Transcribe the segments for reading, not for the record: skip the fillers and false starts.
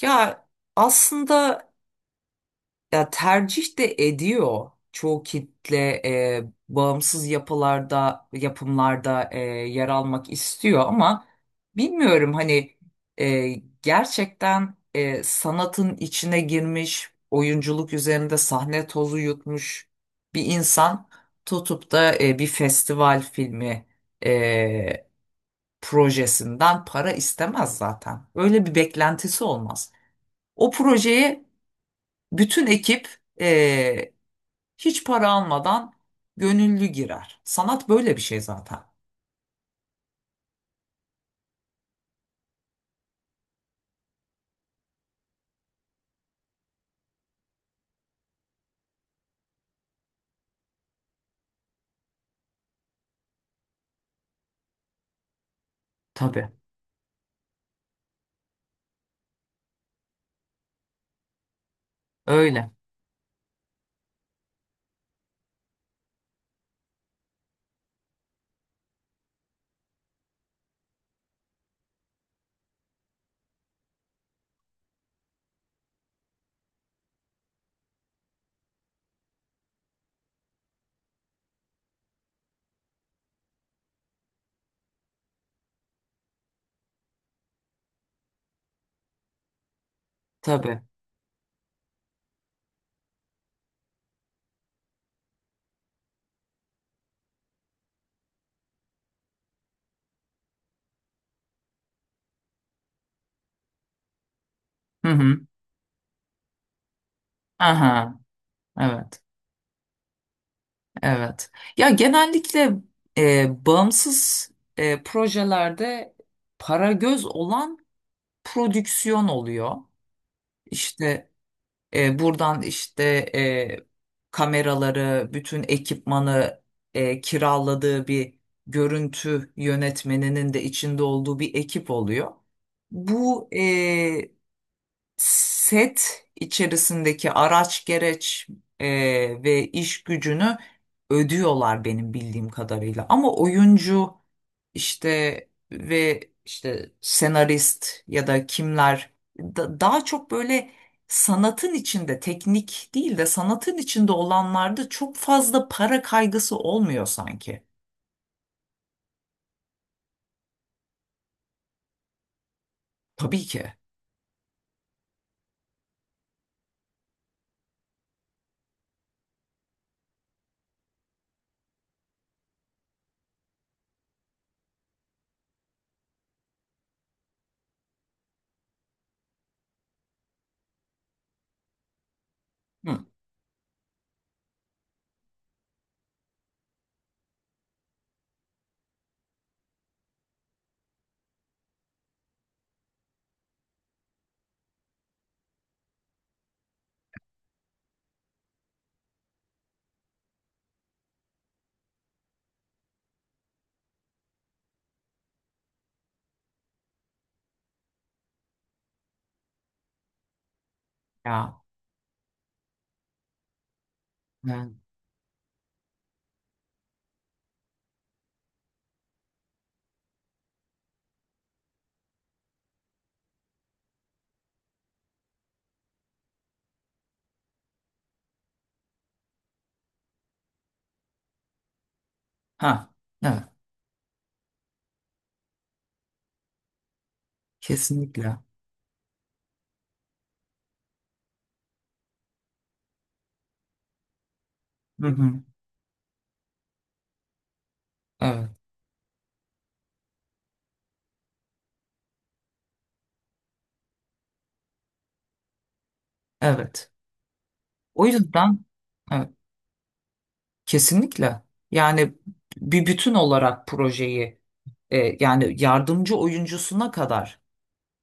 Ya aslında ya tercih de ediyor çoğu kitle e, bağımsız yapımlarda yer almak istiyor ama bilmiyorum hani e, Gerçekten sanatın içine girmiş oyunculuk üzerinde sahne tozu yutmuş bir insan tutup da bir festival filmi e, projesinden para istemez, zaten öyle bir beklentisi olmaz. O projeye bütün ekip eee, hiç para almadan gönüllü girer. Sanat böyle bir şey zaten. Tabii. Öyle. Tabii. Hı hı. Aha. Evet. Evet. Ya genellikle bağımsız projelerde para göz olan prodüksiyon oluyor. İşte buradan işte e, kameraları, bütün ekipmanı kiraladığı bir görüntü yönetmeninin de içinde olduğu bir ekip oluyor. Bu set içerisindeki araç gereç e, ve iş gücünü ödüyorlar benim bildiğim kadarıyla. Ama oyuncu işte ve işte senarist ya da kimler daha çok böyle sanatın içinde teknik değil de sanatın içinde olanlarda çok fazla para kaygısı olmuyor sanki. Tabii ki. Hı. Ya. Evet. Ha. Evet. Kesinlikle. Hı hı. Evet. Evet. O yüzden evet, kesinlikle, yani bir bütün olarak projeyi yani yardımcı oyuncusuna kadar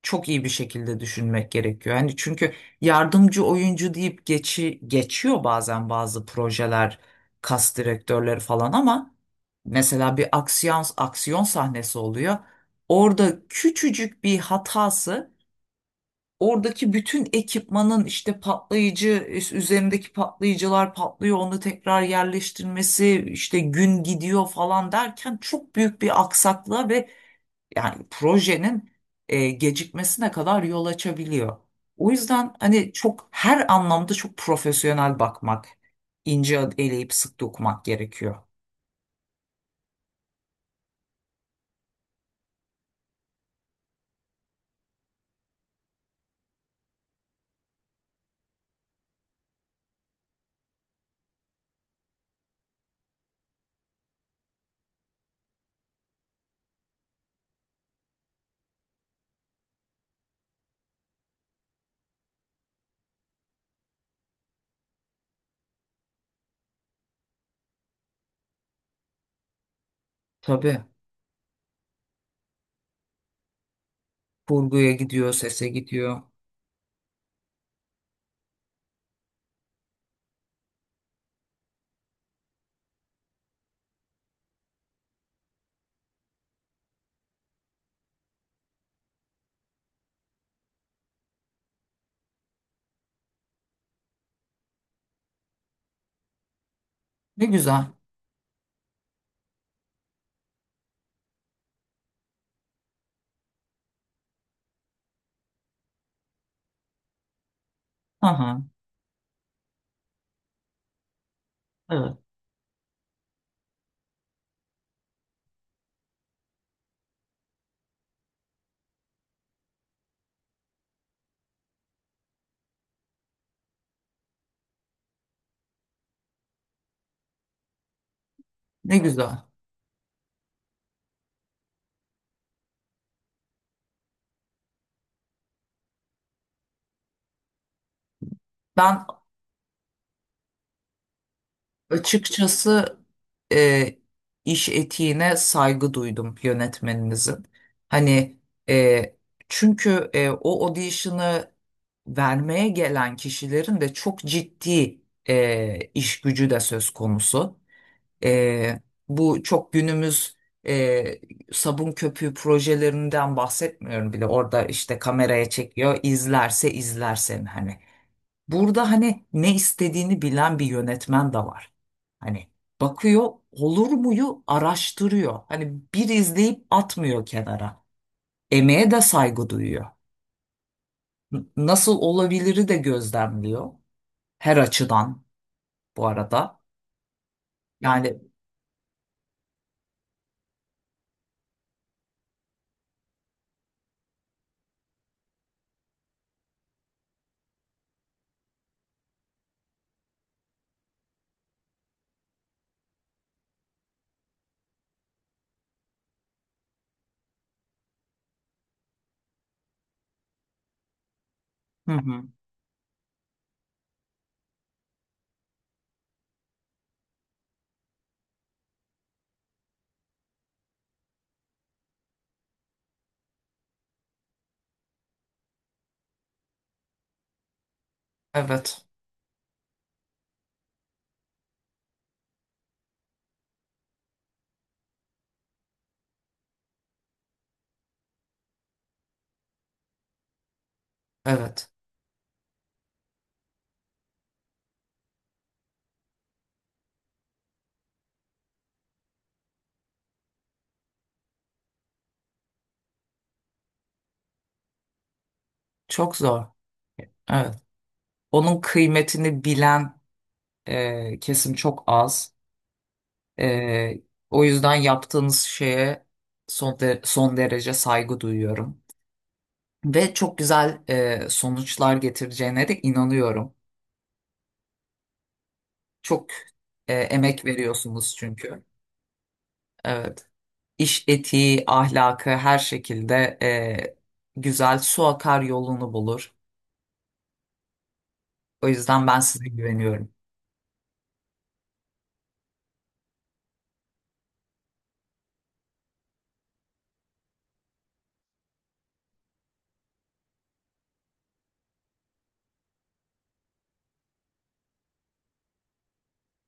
çok iyi bir şekilde düşünmek gerekiyor. Yani çünkü yardımcı oyuncu deyip geçiyor bazen bazı projeler, kas direktörleri falan ama mesela bir aksiyon sahnesi oluyor. Orada küçücük bir hatası, oradaki bütün ekipmanın işte patlayıcı üzerindeki patlayıcılar patlıyor, onu tekrar yerleştirmesi işte gün gidiyor falan derken çok büyük bir aksaklığa ve yani projenin gecikmesine kadar yol açabiliyor. O yüzden hani çok her anlamda çok profesyonel bakmak, ince eleyip sık dokumak gerekiyor. Tabii, kurguya gidiyor, sese gidiyor. Ne güzel. Hı hı. Evet. Ne güzel. Ben açıkçası e, iş etiğine saygı duydum yönetmeninizin. Hani e, çünkü o audition'ı vermeye gelen kişilerin de çok ciddi iş gücü de söz konusu. E, Bu çok günümüz e, sabun köpüğü projelerinden bahsetmiyorum bile. Orada işte kameraya çekiyor, izlerse izler seni hani. Burada hani ne istediğini bilen bir yönetmen de var. Hani bakıyor, olur muyu araştırıyor. Hani bir izleyip atmıyor kenara. Emeğe de saygı duyuyor. Nasıl olabiliri de gözlemliyor. Her açıdan bu arada. Yani hı hı, evet evet, çok zor. Evet. Onun kıymetini bilen kesim çok az. E, O yüzden yaptığınız şeye son derece saygı duyuyorum. Ve çok güzel sonuçlar getireceğine de inanıyorum. Çok emek veriyorsunuz çünkü. Evet. İş etiği, ahlakı her şekilde e, güzel, su akar yolunu bulur. O yüzden ben size güveniyorum.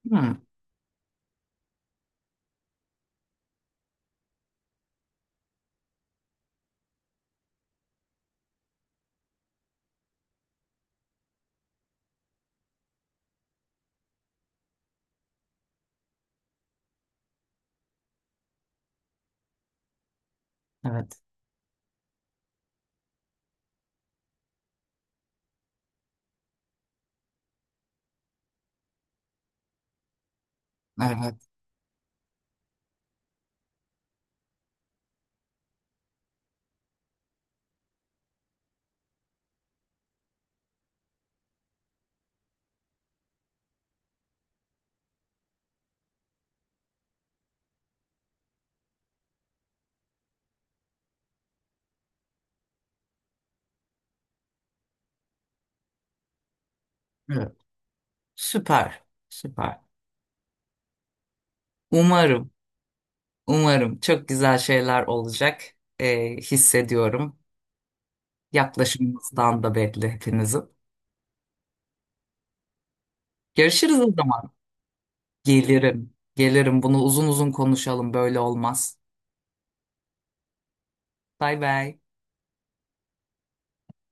Hmm, evet. Evet. Evet. Süper. Süper. Umarım, umarım çok güzel şeyler olacak hissediyorum. Yaklaşımınızdan da belli hepinizin. Görüşürüz o zaman. Gelirim. Gelirim. Bunu uzun uzun konuşalım. Böyle olmaz. Bay bay.